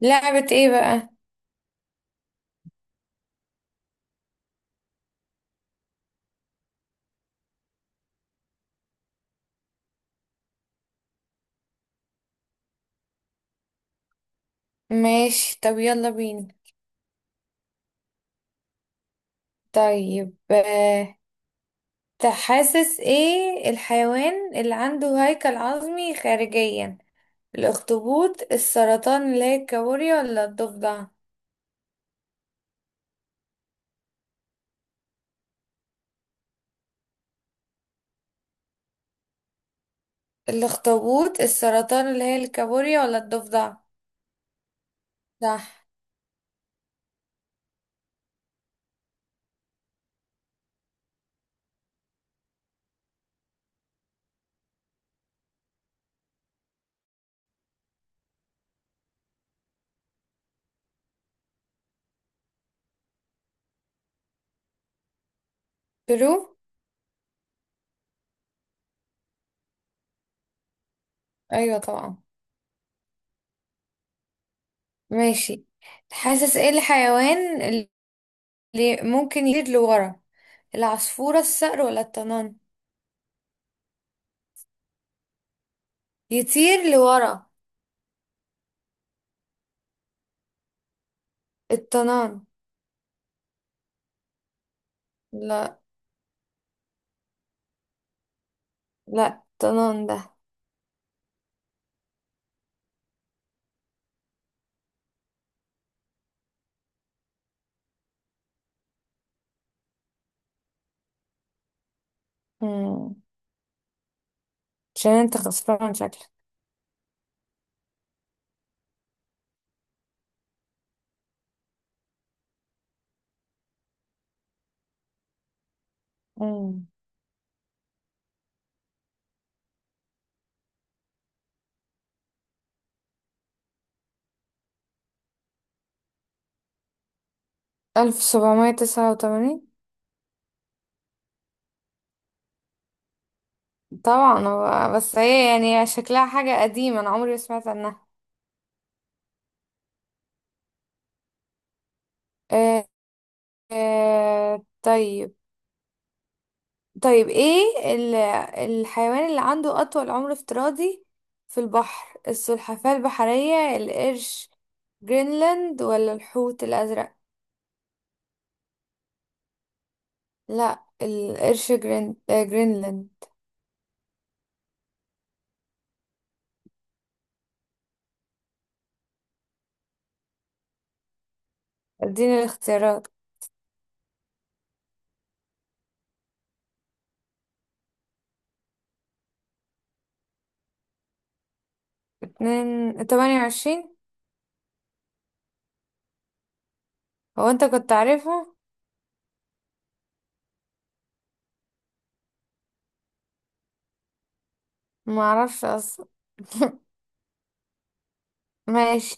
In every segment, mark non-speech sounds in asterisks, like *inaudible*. لعبة ايه بقى؟ ماشي، طب يلا بينا. طيب، تحاسس ايه الحيوان اللي عنده هيكل عظمي خارجيا؟ الاخطبوط، السرطان اللي هي الكابوريا، ولا الضفدع؟ الاخطبوط، السرطان اللي هي الكابوريا، ولا الضفدع؟ صح. ترو. ايوه طبعا. ماشي. تحاسس ايه الحيوان اللي ممكن يطير لورا؟ العصفورة، الصقر ولا الطنان؟ يطير لورا. الطنان. لا، لا طنان ده. مم. عشان انت خسران شكلك. مم. 1789. طبعا، هو بس هي يعني شكلها حاجة قديمة أنا عمري ما سمعت عنها. آه طيب. طيب، ايه ال- الحيوان اللي عنده أطول عمر افتراضي في البحر؟ السلحفاة البحرية، القرش جرينلاند، ولا الحوت الأزرق؟ لا، القرش جرينلاند. اديني الاختيارات. تمانية وعشرين، هو انت كنت عارفها؟ معرفش اصلا. *laughs* ماشي،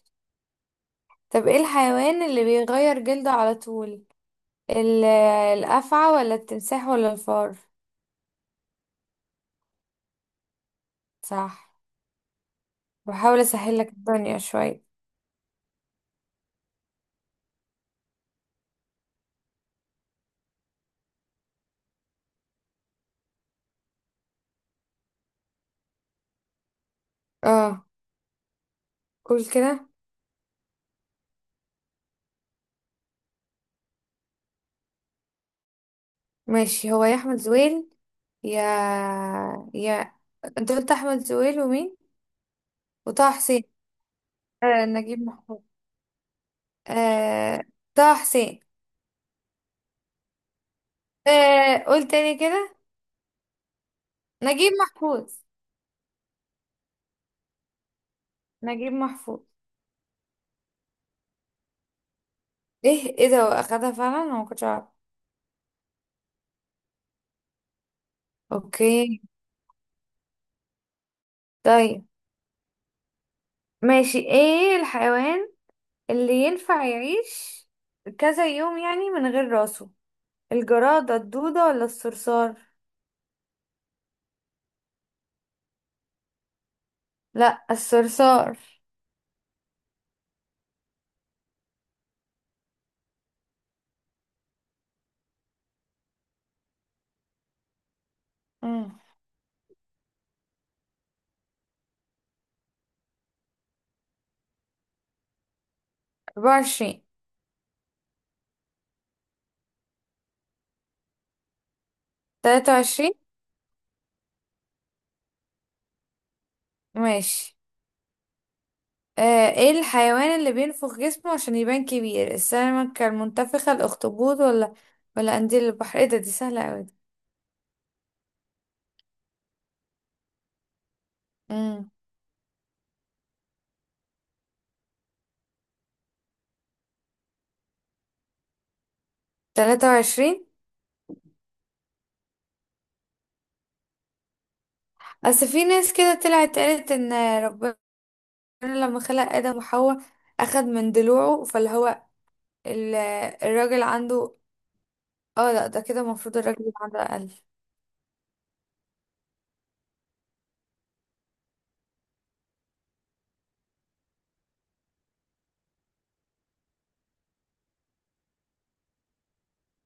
طب ايه الحيوان اللي بيغير جلده على طول؟ ال- الافعى، ولا التمساح، ولا الفار؟ صح. بحاول اسهل لك الدنيا شويه. اه، قول كده. ماشي، هو يا احمد زويل، يا يا انت قلت احمد زويل ومين؟ وطه حسين. آه، نجيب محفوظ. آه، طه حسين. قول تاني كده. نجيب محفوظ. نجيب محفوظ. ايه ده واخدها فعلا، انا ما كنتش اعرف. اوكي. طيب، ماشي، ايه الحيوان اللي ينفع يعيش كذا يوم يعني من غير راسه؟ الجرادة، الدودة، ولا الصرصار؟ لا، الصرصار. امم 24، 23. ماشي. ايه الحيوان اللي بينفخ جسمه عشان يبان كبير؟ السمكة المنتفخة، الاخطبوط، ولا قنديل البحر؟ ايه ده، دي سهلة اوي. امم 23. اصل في ناس كده طلعت قالت ان ربنا ربنا لما خلق آدم وحواء أخد من ضلوعه، فاللي هو ال- الراجل عنده، اه لا، ده كده المفروض الراجل يبقى عنده أقل.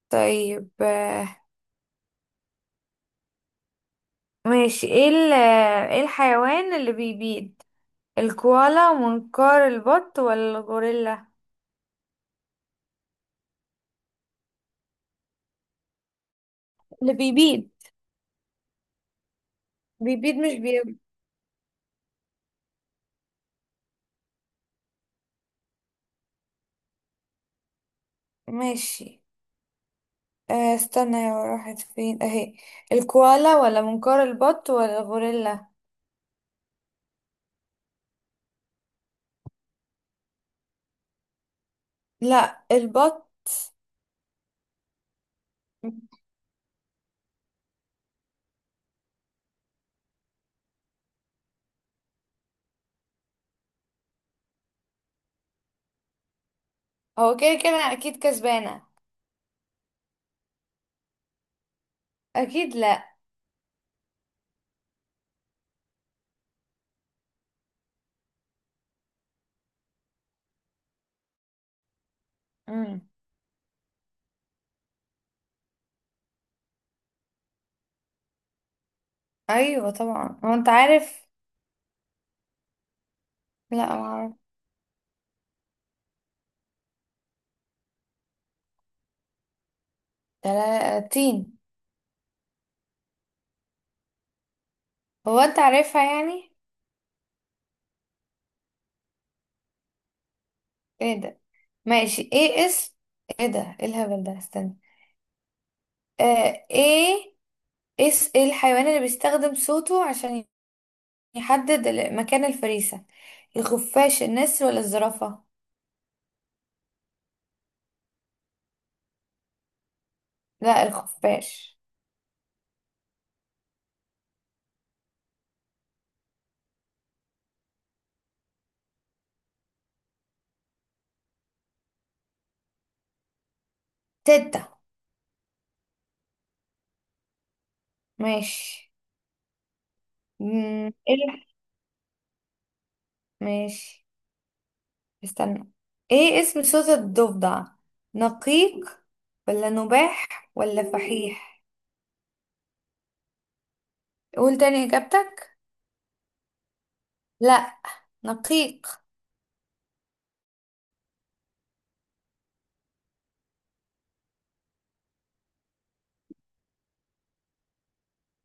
طيب، ماشي، ايه ايه الحيوان اللي بيبيض؟ الكوالا، منقار البط، ولا الغوريلا؟ اللي بيبيض. بيبيض مش بي. ماشي، استنى، يا راحت فين اهي. الكوالا ولا منقار البط ولا الغوريلا؟ لا، البط. هو كده كده اكيد كسبانة. اكيد لا. مم. ايوه طبعا، هو انت عارف؟ لا، ما اعرف. 30. هو انت عارفها يعني. ايه ده. ماشي، ايه اسم، ايه ده، ايه الهبل ده، استنى. ايه. ايه الحيوان اللي بيستخدم صوته عشان يحدد مكان الفريسة؟ الخفاش، النسر، ولا الزرافة؟ لا، الخفاش. تتة. ماشي. مم، ايه الح- ماشي. استنى، ايه اسم صوت الضفدع؟ نقيق، ولا نباح، ولا فحيح؟ قول تاني إجابتك. لا، نقيق.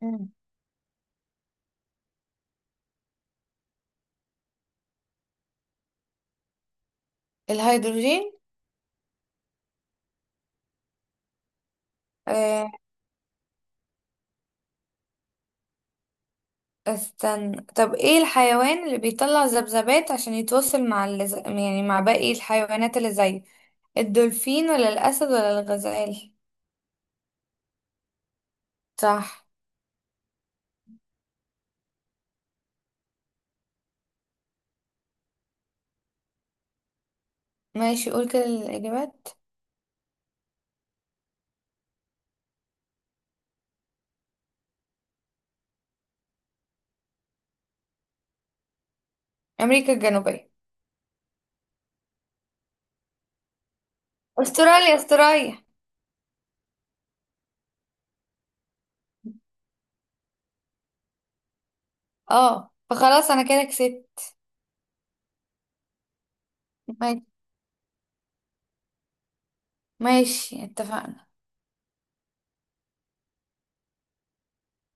مم. الهيدروجين. آه استنى، طب ايه الحيوان اللي بيطلع ذبذبات عشان يتواصل مع يعني مع باقي الحيوانات اللي زيه؟ الدولفين، ولا الأسد، ولا الغزال؟ صح. ماشي، قول كده الإجابات. أمريكا الجنوبية. أستراليا، أستراليا. اه، فخلاص أنا كده كسبت. ماشي، ماشي، اتفقنا.